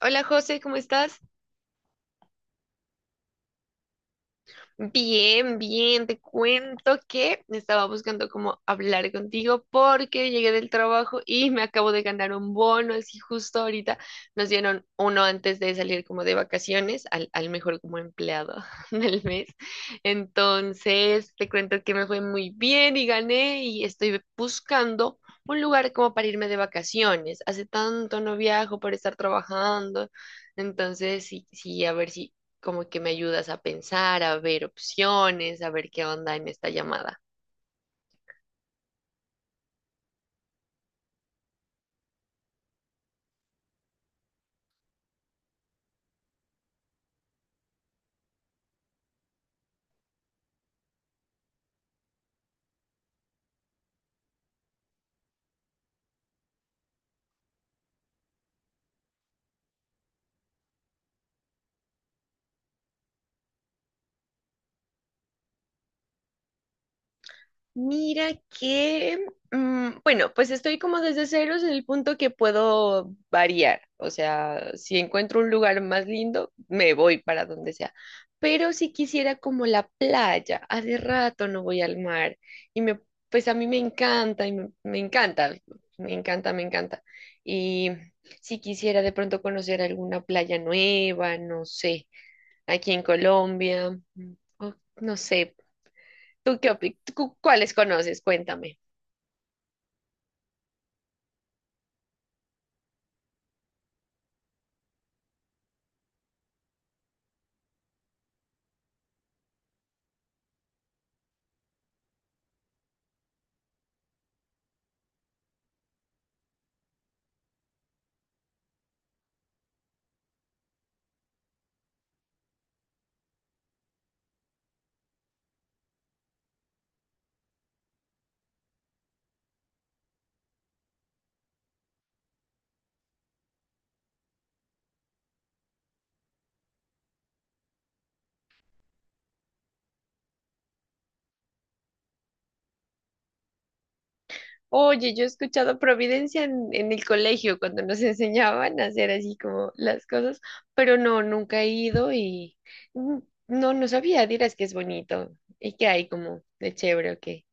Hola José, ¿cómo estás? Bien, bien, te cuento que estaba buscando cómo hablar contigo porque llegué del trabajo y me acabo de ganar un bono, así justo ahorita nos dieron uno antes de salir como de vacaciones al mejor como empleado del mes. Entonces, te cuento que me fue muy bien y gané y estoy buscando un lugar como para irme de vacaciones. Hace tanto no viajo por estar trabajando. Entonces, sí, sí, a ver si como que me ayudas a pensar, a ver opciones, a ver qué onda en esta llamada. Mira que, bueno, pues estoy como desde ceros en el punto que puedo variar. O sea, si encuentro un lugar más lindo, me voy para donde sea. Pero si quisiera como la playa, hace rato no voy al mar y me, pues a mí me encanta y me encanta. Y si quisiera de pronto conocer alguna playa nueva, no sé. Aquí en Colombia. Mm, o No sé, ¿tú cuáles conoces? Cuéntame. Oye, yo he escuchado Providencia en el colegio cuando nos enseñaban a hacer así como las cosas, pero no, nunca he ido y mm, no, no sabía, dirás que es bonito y que hay como de chévere o qué.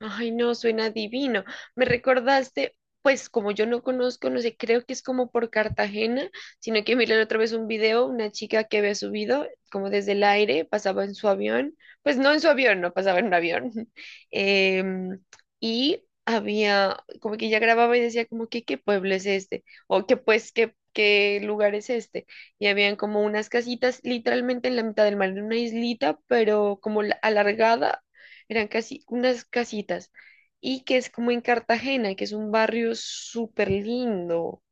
Ay, no, suena divino. Me recordaste, pues como yo no conozco, no sé, creo que es como por Cartagena, sino que miré la otra vez un video, una chica que había subido como desde el aire, pasaba en su avión, pues no en su avión, no pasaba en un avión. Em, y había, como que ella grababa y decía como que qué pueblo es este, o que qué lugar es este. Y habían como unas casitas literalmente en la mitad del mar, en una islita, pero como alargada, eran casi unas casitas, y que es como en Cartagena, que es un barrio súper lindo,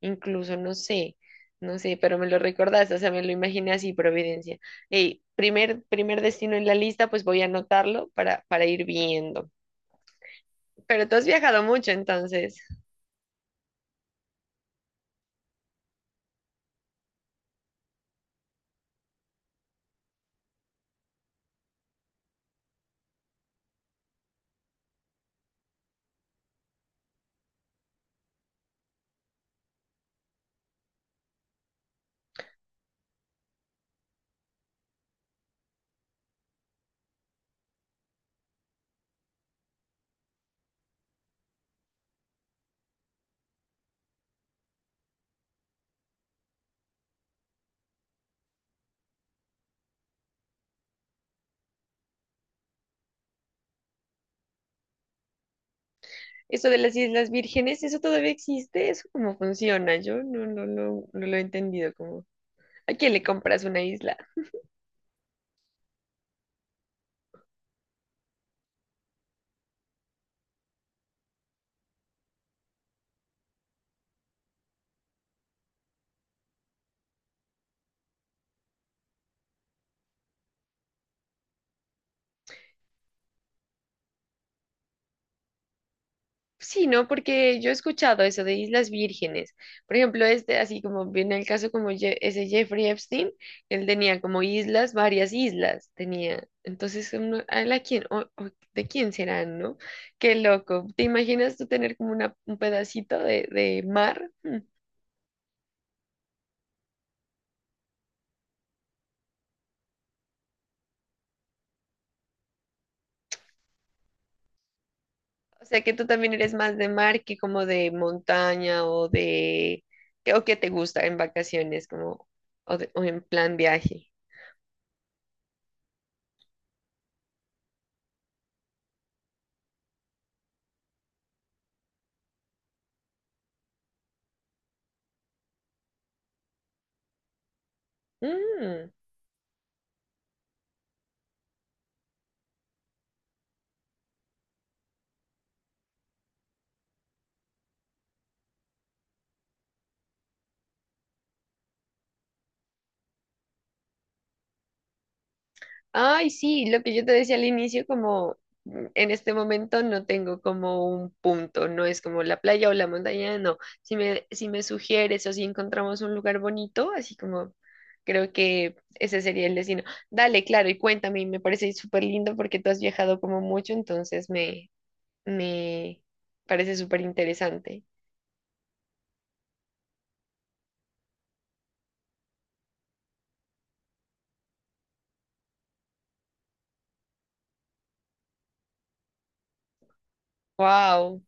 incluso no sé, pero me lo recordaste, o sea, me lo imaginé así, Providencia. Ey, primer destino en la lista, pues voy a anotarlo para ir viendo. Pero tú has viajado mucho, entonces. Eso de las Islas Vírgenes, ¿eso todavía existe? ¿Eso cómo funciona? Yo no lo he entendido, cómo, ¿a quién le compras una isla? Sí, ¿no? Porque yo he escuchado eso de Islas Vírgenes. Por ejemplo, este, así como viene el caso como ese Jeffrey Epstein, él tenía como islas, varias islas tenía. Entonces, ¿a la quién, o de quién serán, no? Qué loco. ¿Te imaginas tú tener como una, un pedacito de mar? Hmm. O sea, que tú también eres más de mar que como de montaña o de... o que te gusta en vacaciones, como, o en plan viaje. Mm. Ay, sí, lo que yo te decía al inicio, como en este momento no tengo como un punto, no es como la playa o la montaña, no. Si me sugieres o si encontramos un lugar bonito, así como, creo que ese sería el destino. Dale, claro, y cuéntame, y me parece súper lindo porque tú has viajado como mucho, entonces me parece súper interesante. Wow.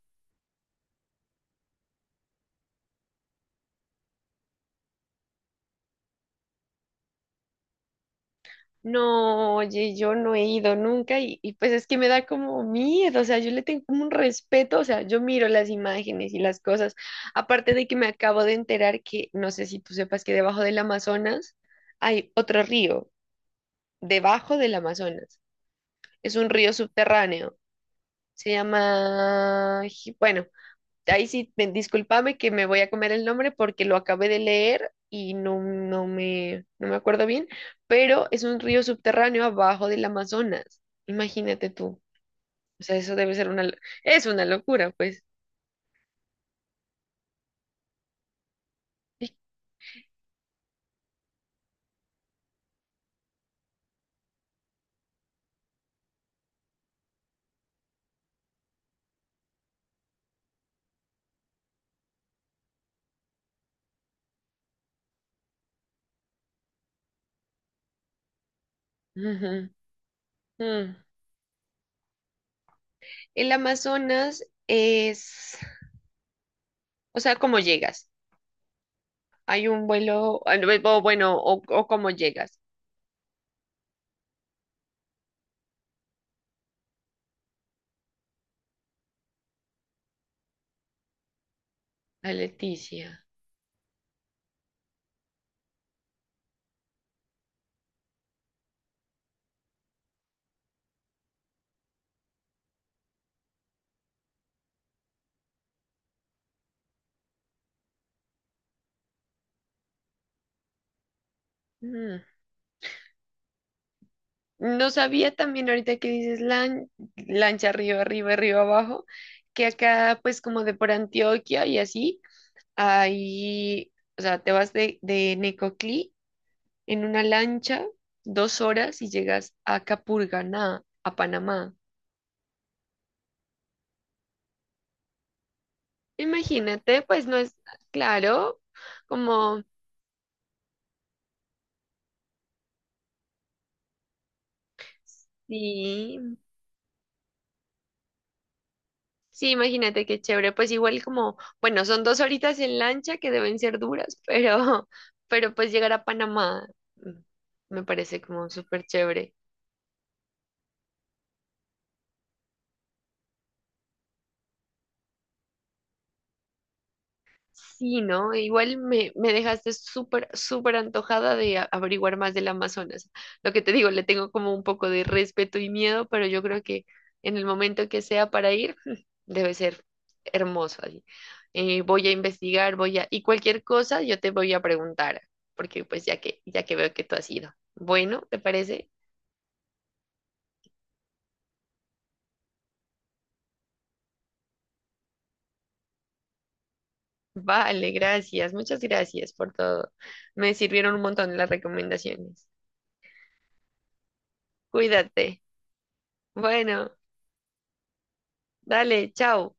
No, oye, yo no he ido nunca y pues es que me da como miedo, o sea, yo le tengo como un respeto, o sea, yo miro las imágenes y las cosas, aparte de que me acabo de enterar que, no sé si tú sepas que debajo del Amazonas hay otro río, debajo del Amazonas, es un río subterráneo, se llama, bueno, ahí sí, discúlpame que me voy a comer el nombre porque lo acabé de leer y no me acuerdo bien, pero es un río subterráneo abajo del Amazonas. Imagínate tú. O sea, eso debe ser es una locura, pues. Ujú. Mm. El Amazonas es, o sea, ¿cómo llegas? Hay un vuelo, o bueno, o cómo llegas a Leticia. Mm. No sabía también ahorita que dices lancha arriba, arriba, arriba, abajo, que acá pues como de por Antioquia y así, ahí, o sea, te vas de Necoclí en una lancha 2 horas y llegas a Capurganá, a Panamá. Imagínate, pues no es claro, como, sí, sí, imagínate qué chévere. Pues igual como, bueno, son dos horitas en lancha que deben ser duras, pero pues llegar a Panamá, mm, me parece como súper chévere. Sí, ¿no? Me dejaste súper, súper antojada de averiguar más del Amazonas. Lo que te digo, le tengo como un poco de respeto y miedo, pero yo creo que en el momento que sea para ir, debe ser hermoso allí. Voy a investigar, voy a... Y cualquier cosa yo te voy a preguntar, porque pues ya que veo que tú has ido. Bueno, ¿te parece? Vale, gracias. Muchas gracias por todo. Me sirvieron un montón las recomendaciones. Cuídate. Bueno, dale, chao.